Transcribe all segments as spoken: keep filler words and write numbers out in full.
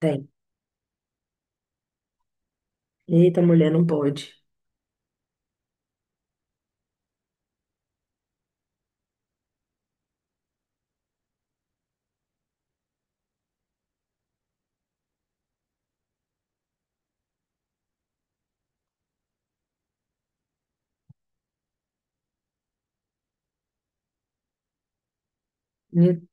Tem. Eita, mulher, não pode. Uhum.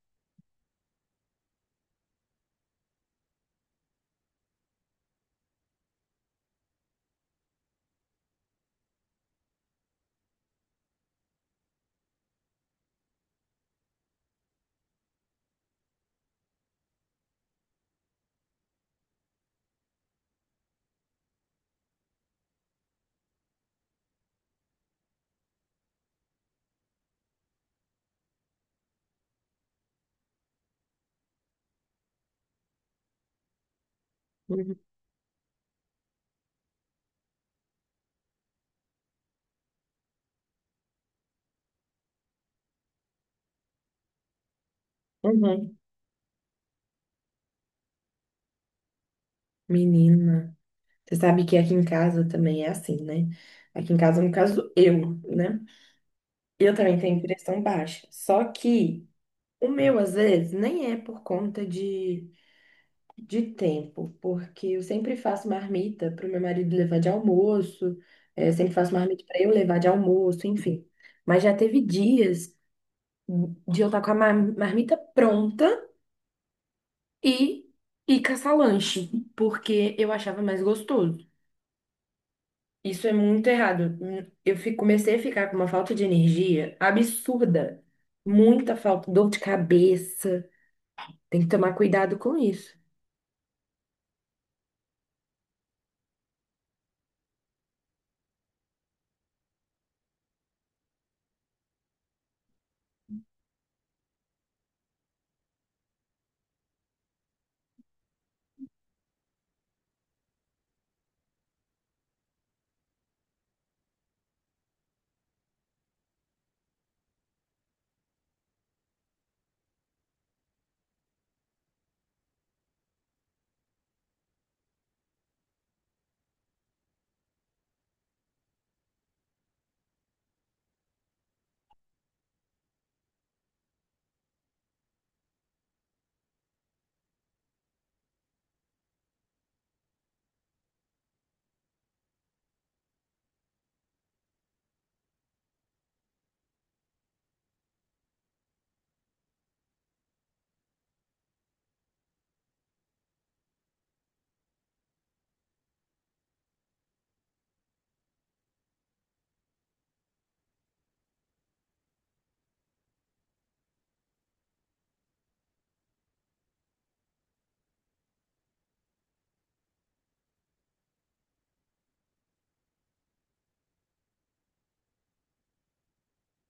Uhum. Menina. Você sabe que aqui em casa também é assim, né? Aqui em casa, no caso, eu, né? Eu também tenho pressão baixa. Só que o meu, às vezes, nem é por conta de, de tempo, porque eu sempre faço marmita para o meu marido levar de almoço, eh, sempre faço marmita para eu levar de almoço, enfim. Mas já teve dias de eu estar com a mar- marmita pronta. E, e caçar lanche porque eu achava mais gostoso. Isso é muito errado. Hum, Eu fi- comecei a ficar com uma falta de energia absurda. Muita falta, dor de cabeça. Tem que tomar cuidado com isso.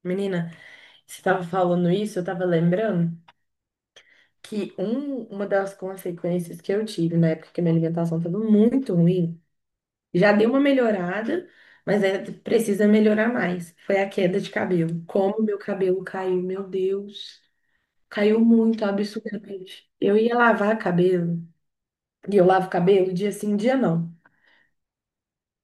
Menina, você estava falando isso, eu estava lembrando que um, uma das consequências que eu tive na época que minha alimentação estava muito ruim, já deu uma melhorada, mas ainda precisa melhorar mais. Foi a queda de cabelo. Como meu cabelo caiu, meu Deus. Caiu muito, absurdamente. Eu ia lavar cabelo, e eu lavo cabelo dia sim, dia não.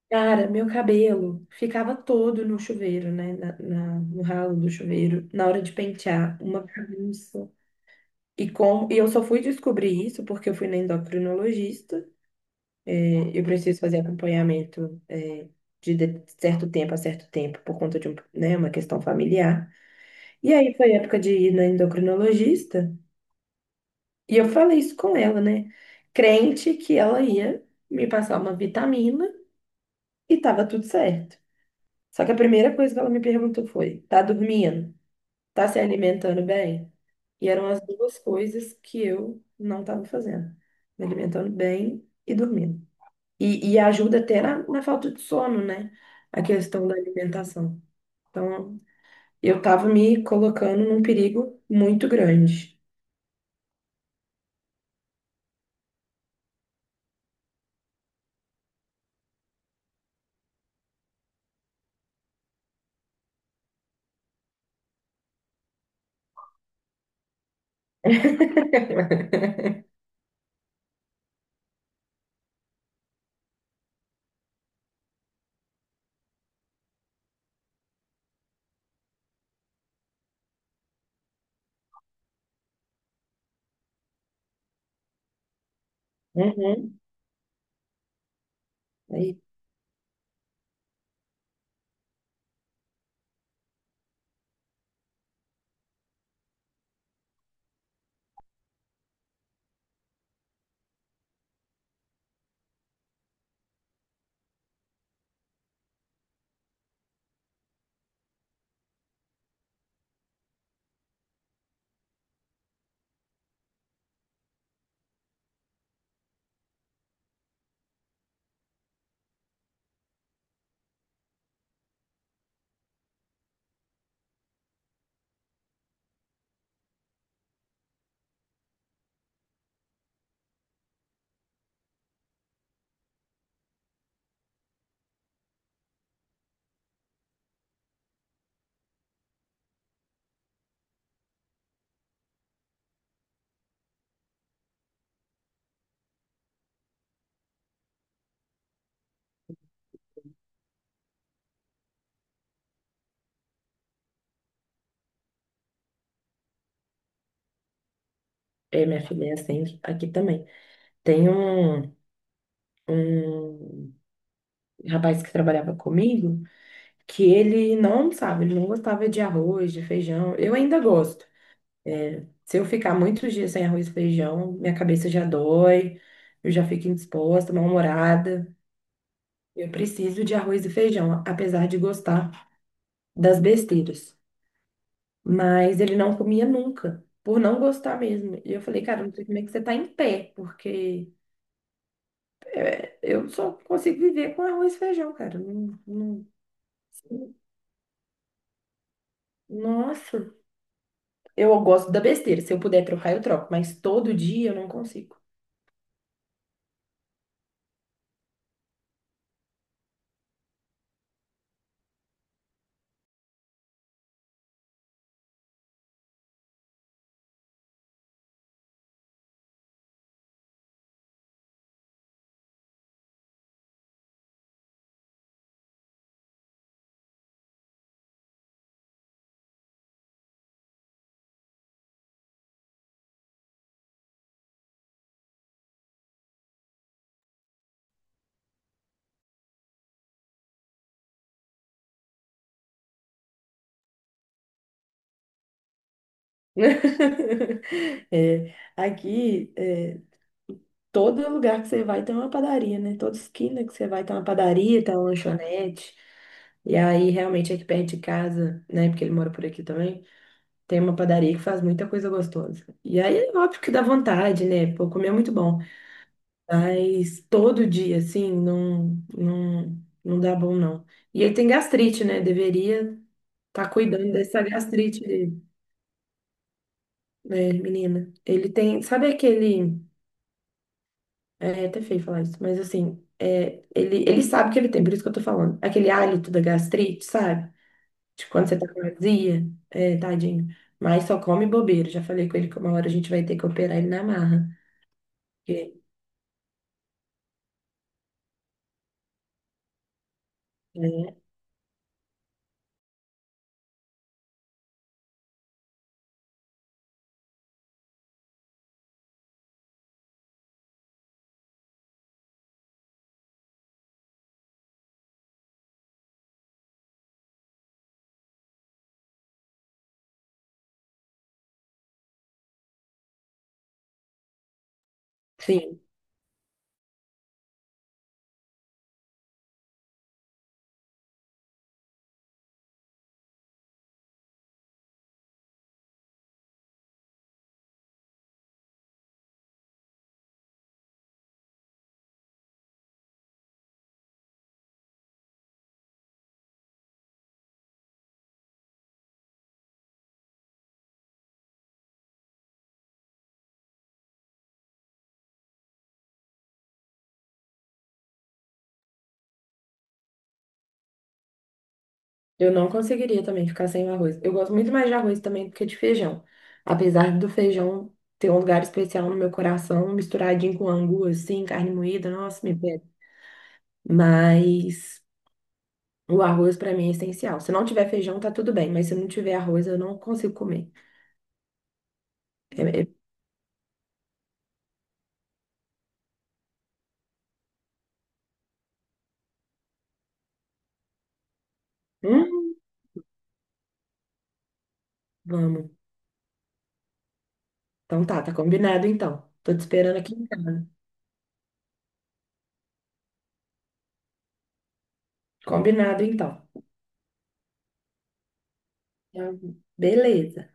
Cara, meu cabelo ficava todo no chuveiro, né? na- na- no ralo do chuveiro, na hora de pentear, uma bagunça. E, com, e eu só fui descobrir isso porque eu fui na endocrinologista. É, eu preciso fazer acompanhamento, é, de, de certo tempo a certo tempo por conta de um, né, uma questão familiar. E aí foi época de ir na endocrinologista. E eu falei isso com ela, né? Crente que ela ia me passar uma vitamina e tava tudo certo. Só que a primeira coisa que ela me perguntou foi: tá dormindo? Tá se alimentando bem? E eram as duas coisas que eu não estava fazendo: me alimentando bem e dormindo. E, e ajuda até na, na falta de sono, né? A questão da alimentação. Então, eu tava me colocando num perigo muito grande. Uhum. É, minha filha é assim aqui também. Tem um, um rapaz que trabalhava comigo que ele não sabe, ele não gostava de arroz, de feijão. Eu ainda gosto. É, se eu ficar muitos dias sem arroz e feijão, minha cabeça já dói, eu já fico indisposta, mal-humorada. Eu preciso de arroz e feijão, apesar de gostar das besteiras. Mas ele não comia nunca, por não gostar mesmo. E eu falei, cara, não sei como é que você tá em pé, porque. Eu só consigo viver com arroz e feijão, cara. Não- não- Nossa, eu gosto da besteira. Se eu puder trocar, eu troco, mas todo dia eu não consigo. É, aqui, é, todo lugar que você vai tem uma padaria, né? Toda esquina que você vai tem uma padaria, tem uma lanchonete. E aí, realmente, aqui perto de casa, né? Porque ele mora por aqui também, tem uma padaria que faz muita coisa gostosa. E aí, é óbvio que dá vontade, né? Pô, comer é muito bom. Mas todo dia, assim, não, não, não dá bom, não. E ele tem gastrite, né? Deveria estar cuidando dessa gastrite dele, né, menina. Ele tem, sabe aquele. É, é até feio falar isso, mas assim, é, ele, ele sabe que ele tem, por isso que eu tô falando. Aquele hálito da gastrite, sabe? De quando você tá com azia, é, tadinho. Mas só come bobeira. Já falei com ele que uma hora a gente vai ter que operar ele na marra. Porque, né, sim. Eu não conseguiria também ficar sem o arroz. Eu gosto muito mais de arroz também do que de feijão. Apesar do feijão ter um lugar especial no meu coração, misturadinho com angu, assim, carne moída, nossa, me pega. Mas o arroz pra mim é essencial. Se não tiver feijão, tá tudo bem, mas se não tiver arroz, eu não consigo comer. É- é- Hum, vamos. Então tá, tá combinado então. Tô te esperando aqui em casa. Combinado então. Tá, beleza.